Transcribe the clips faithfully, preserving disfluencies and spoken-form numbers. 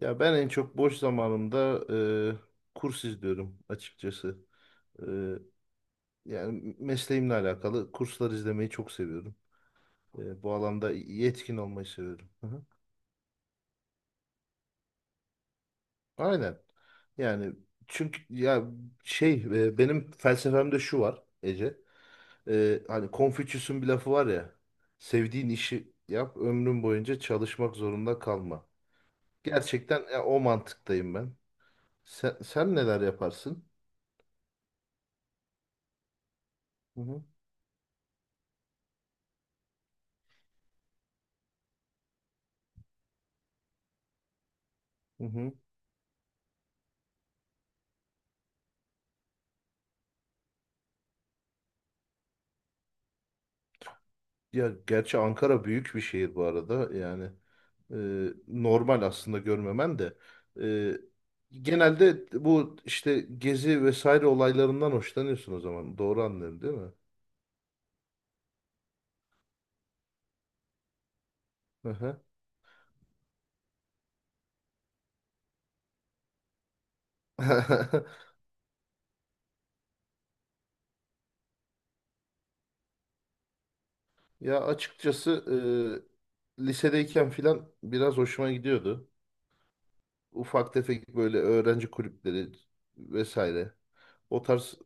Ya ben en çok boş zamanımda e, kurs izliyorum açıkçası. E, yani mesleğimle alakalı kurslar izlemeyi çok seviyorum. E, bu alanda yetkin olmayı seviyorum. Hı hı. Aynen. Yani çünkü ya şey e, benim felsefemde şu var Ece. E, hani Konfüçyüs'ün bir lafı var ya. Sevdiğin işi yap, ömrün boyunca çalışmak zorunda kalma. Gerçekten e, o mantıktayım ben. Sen, sen neler yaparsın? Hı hı. Hı hı. Ya gerçi Ankara büyük bir şehir bu arada. Yani e, normal aslında görmemen de. E, Genelde bu işte gezi vesaire olaylarından hoşlanıyorsun o zaman. Doğru anlıyorum değil mi? Hı hı. Ya açıkçası e, lisedeyken filan biraz hoşuma gidiyordu. Ufak tefek böyle öğrenci kulüpleri vesaire. O tarz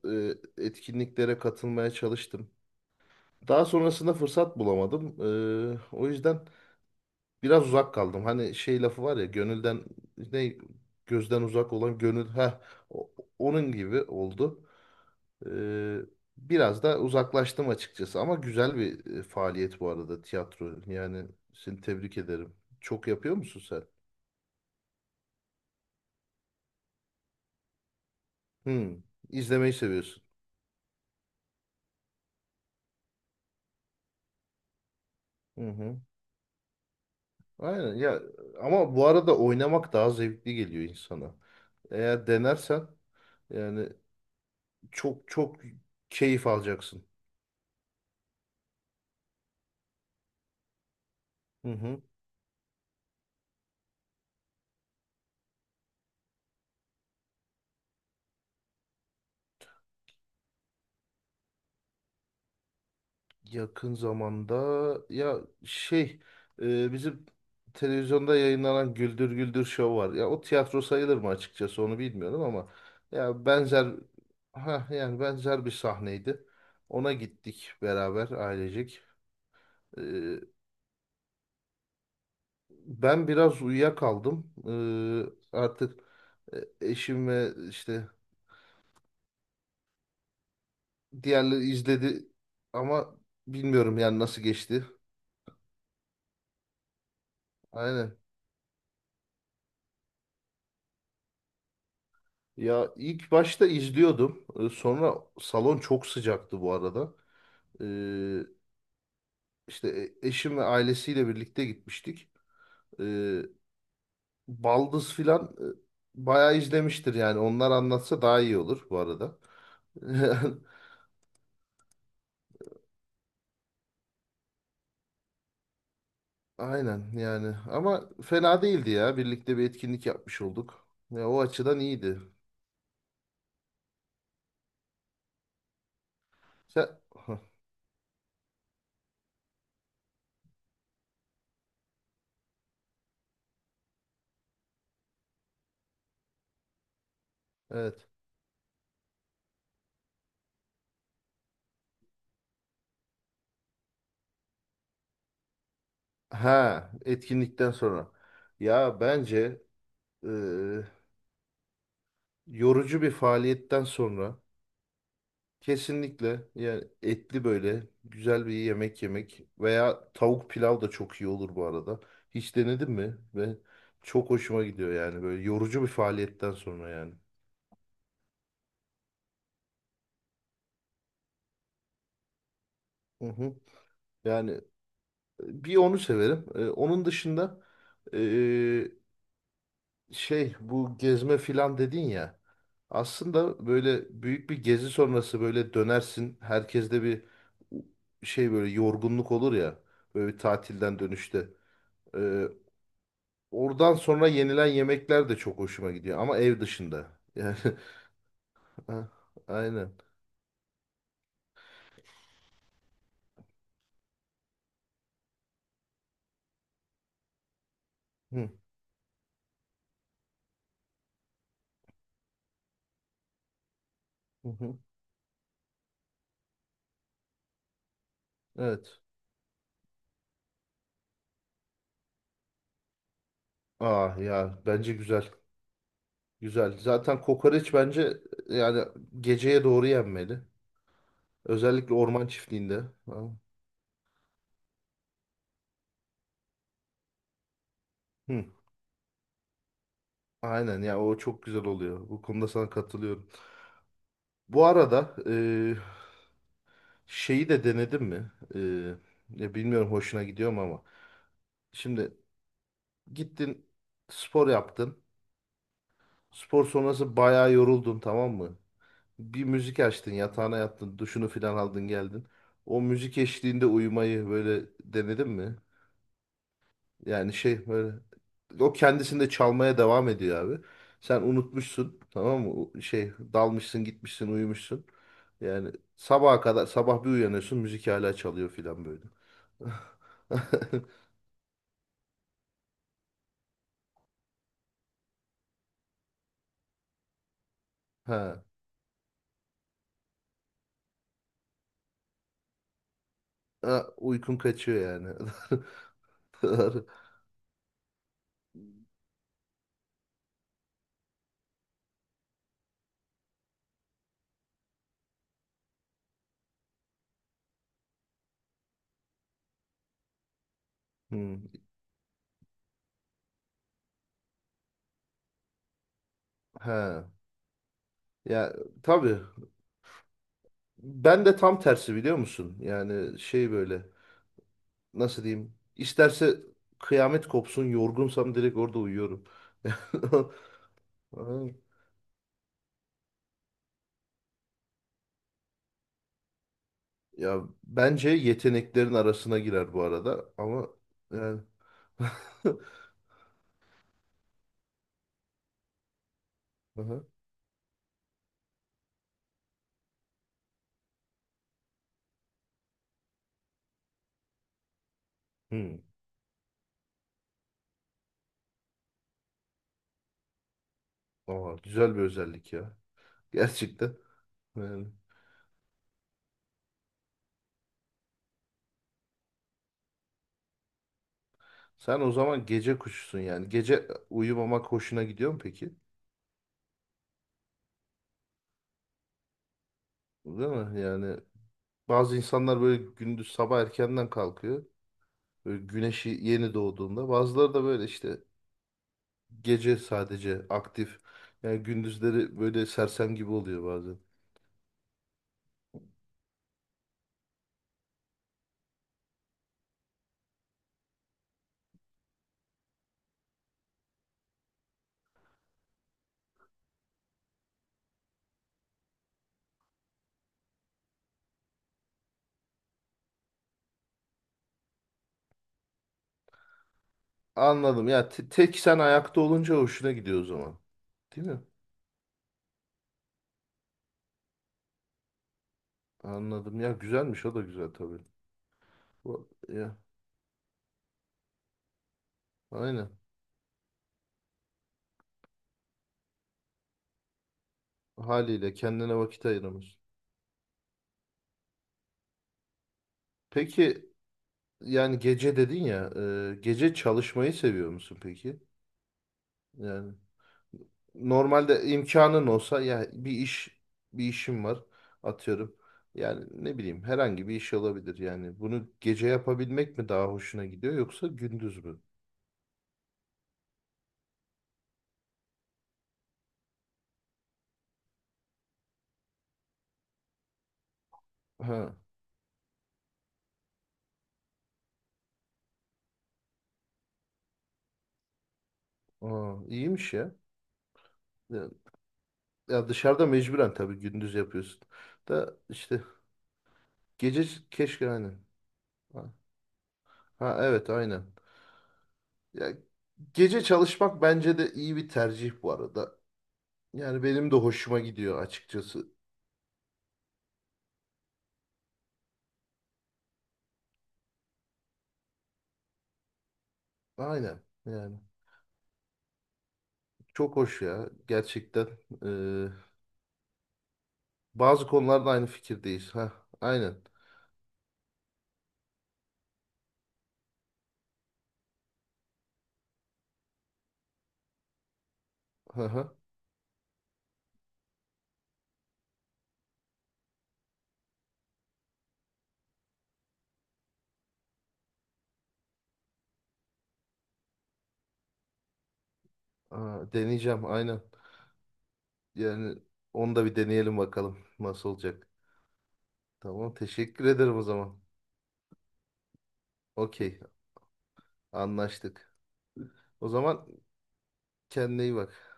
e, etkinliklere katılmaya çalıştım. Daha sonrasında fırsat bulamadım. E, o yüzden... biraz uzak kaldım. Hani şey lafı var ya gönülden ne gözden uzak olan gönül ha onun gibi oldu. Ee, Biraz da uzaklaştım açıkçası ama güzel bir e, faaliyet bu arada tiyatro. Yani seni tebrik ederim. Çok yapıyor musun sen? Hmm, izlemeyi seviyorsun. Hı hı. Aynen ya, ama bu arada oynamak daha zevkli geliyor insana. Eğer denersen yani çok çok keyif alacaksın. Hı hı. Yakın zamanda ya şey e, bizim televizyonda yayınlanan Güldür Güldür Show var. Ya o tiyatro sayılır mı açıkçası onu bilmiyorum ama ya benzer, ha yani benzer bir sahneydi. Ona gittik beraber ailecek. E, Ben biraz uyuyakaldım. E, artık e, eşim ve işte diğerleri izledi ama bilmiyorum yani nasıl geçti. Aynen. Ya ilk başta izliyordum. Ee, Sonra salon çok sıcaktı bu arada. Ee, işte e- eşim ve ailesiyle birlikte gitmiştik. Ee, Baldız filan e, bayağı izlemiştir yani. Onlar anlatsa daha iyi olur bu arada. Aynen yani. Ama fena değildi ya. Birlikte bir etkinlik yapmış olduk. Ya o açıdan iyiydi. Sen... Hah, evet. Ha, etkinlikten sonra. Ya bence e, yorucu bir faaliyetten sonra kesinlikle yani etli böyle güzel bir yemek yemek veya tavuk pilav da çok iyi olur bu arada. Hiç denedin mi? Ve çok hoşuma gidiyor yani böyle yorucu bir faaliyetten sonra yani. Hı hı. Yani e, bir onu severim. Ee, onun dışında ee, şey bu gezme filan dedin ya. Aslında böyle büyük bir gezi sonrası böyle dönersin. Herkeste bir şey böyle yorgunluk olur ya. Böyle bir tatilden dönüşte. Ee, Oradan sonra yenilen yemekler de çok hoşuma gidiyor ama ev dışında. Yani a- aynen. Hı, hı, hı. Evet. Ah ya bence güzel. Güzel. Zaten kokoreç bence, e, yani geceye doğru yenmeli. Özellikle orman çiftliğinde. Ha. Hı. Aynen ya, o çok güzel oluyor. Bu konuda sana katılıyorum. Bu arada e, şeyi de denedin mi? E, ya bilmiyorum hoşuna gidiyor mu ama. Şimdi gittin, spor yaptın. Spor sonrası bayağı yoruldun, tamam mı? Bir müzik açtın, yatağına yattın, duşunu filan aldın geldin. O müzik eşliğinde uyumayı böyle denedin mi? Yani şey böyle o kendisinde çalmaya devam ediyor abi. Sen unutmuşsun, tamam mı? O şey dalmışsın gitmişsin uyumuşsun. Yani sabaha kadar, sabah bir uyanıyorsun müzik hala çalıyor filan böyle. Ha. Ha, uykun kaçıyor yani. Doğru. Hmm. Ha. Ya tabii, ben de tam tersi biliyor musun? Yani şey böyle nasıl diyeyim? İsterse kıyamet kopsun yorgunsam direkt orada uyuyorum. Ay, ya bence yeteneklerin arasına girer bu arada ama yani Aha. Hmm. Aa, güzel bir özellik ya. Gerçekten. Yani. Sen o zaman gece kuşusun yani. Gece uyumamak hoşuna gidiyor mu peki? Değil mi? Yani bazı insanlar böyle gündüz sabah erkenden kalkıyor. Böyle güneşi yeni doğduğunda. Bazıları da böyle işte gece sadece aktif. Yani gündüzleri böyle sersem gibi oluyor bazen. Anladım. Ya te- tek sen ayakta olunca hoşuna gidiyor o zaman. Değil mi? Anladım. Ya güzelmiş, o da güzel tabii. Bu- Ya, aynen. Haliyle kendine vakit ayıramıyorsun. Peki yani gece dedin ya, e, gece çalışmayı seviyor musun peki? Yani normalde imkanın olsa ya bir iş bir işim var atıyorum. Yani ne bileyim herhangi bir iş olabilir yani. Bunu gece yapabilmek mi daha hoşuna gidiyor yoksa gündüz mü? Ha, aa, iyiymiş ya. Ya, ya dışarıda mecburen tabii gündüz yapıyorsun. Da işte gece keşke aynen. Ha, ha, evet aynen. Ya gece çalışmak bence de iyi bir tercih bu arada. Yani benim de hoşuma gidiyor açıkçası. Aynen yani. Çok hoş ya. Gerçekten. Ee, Bazı konularda aynı fikirdeyiz. Ha, aynen. Hı hı. Aa, deneyeceğim aynen. Yani onu da bir deneyelim bakalım nasıl olacak. Tamam, teşekkür ederim o zaman. Okey, anlaştık. O zaman kendine iyi bak.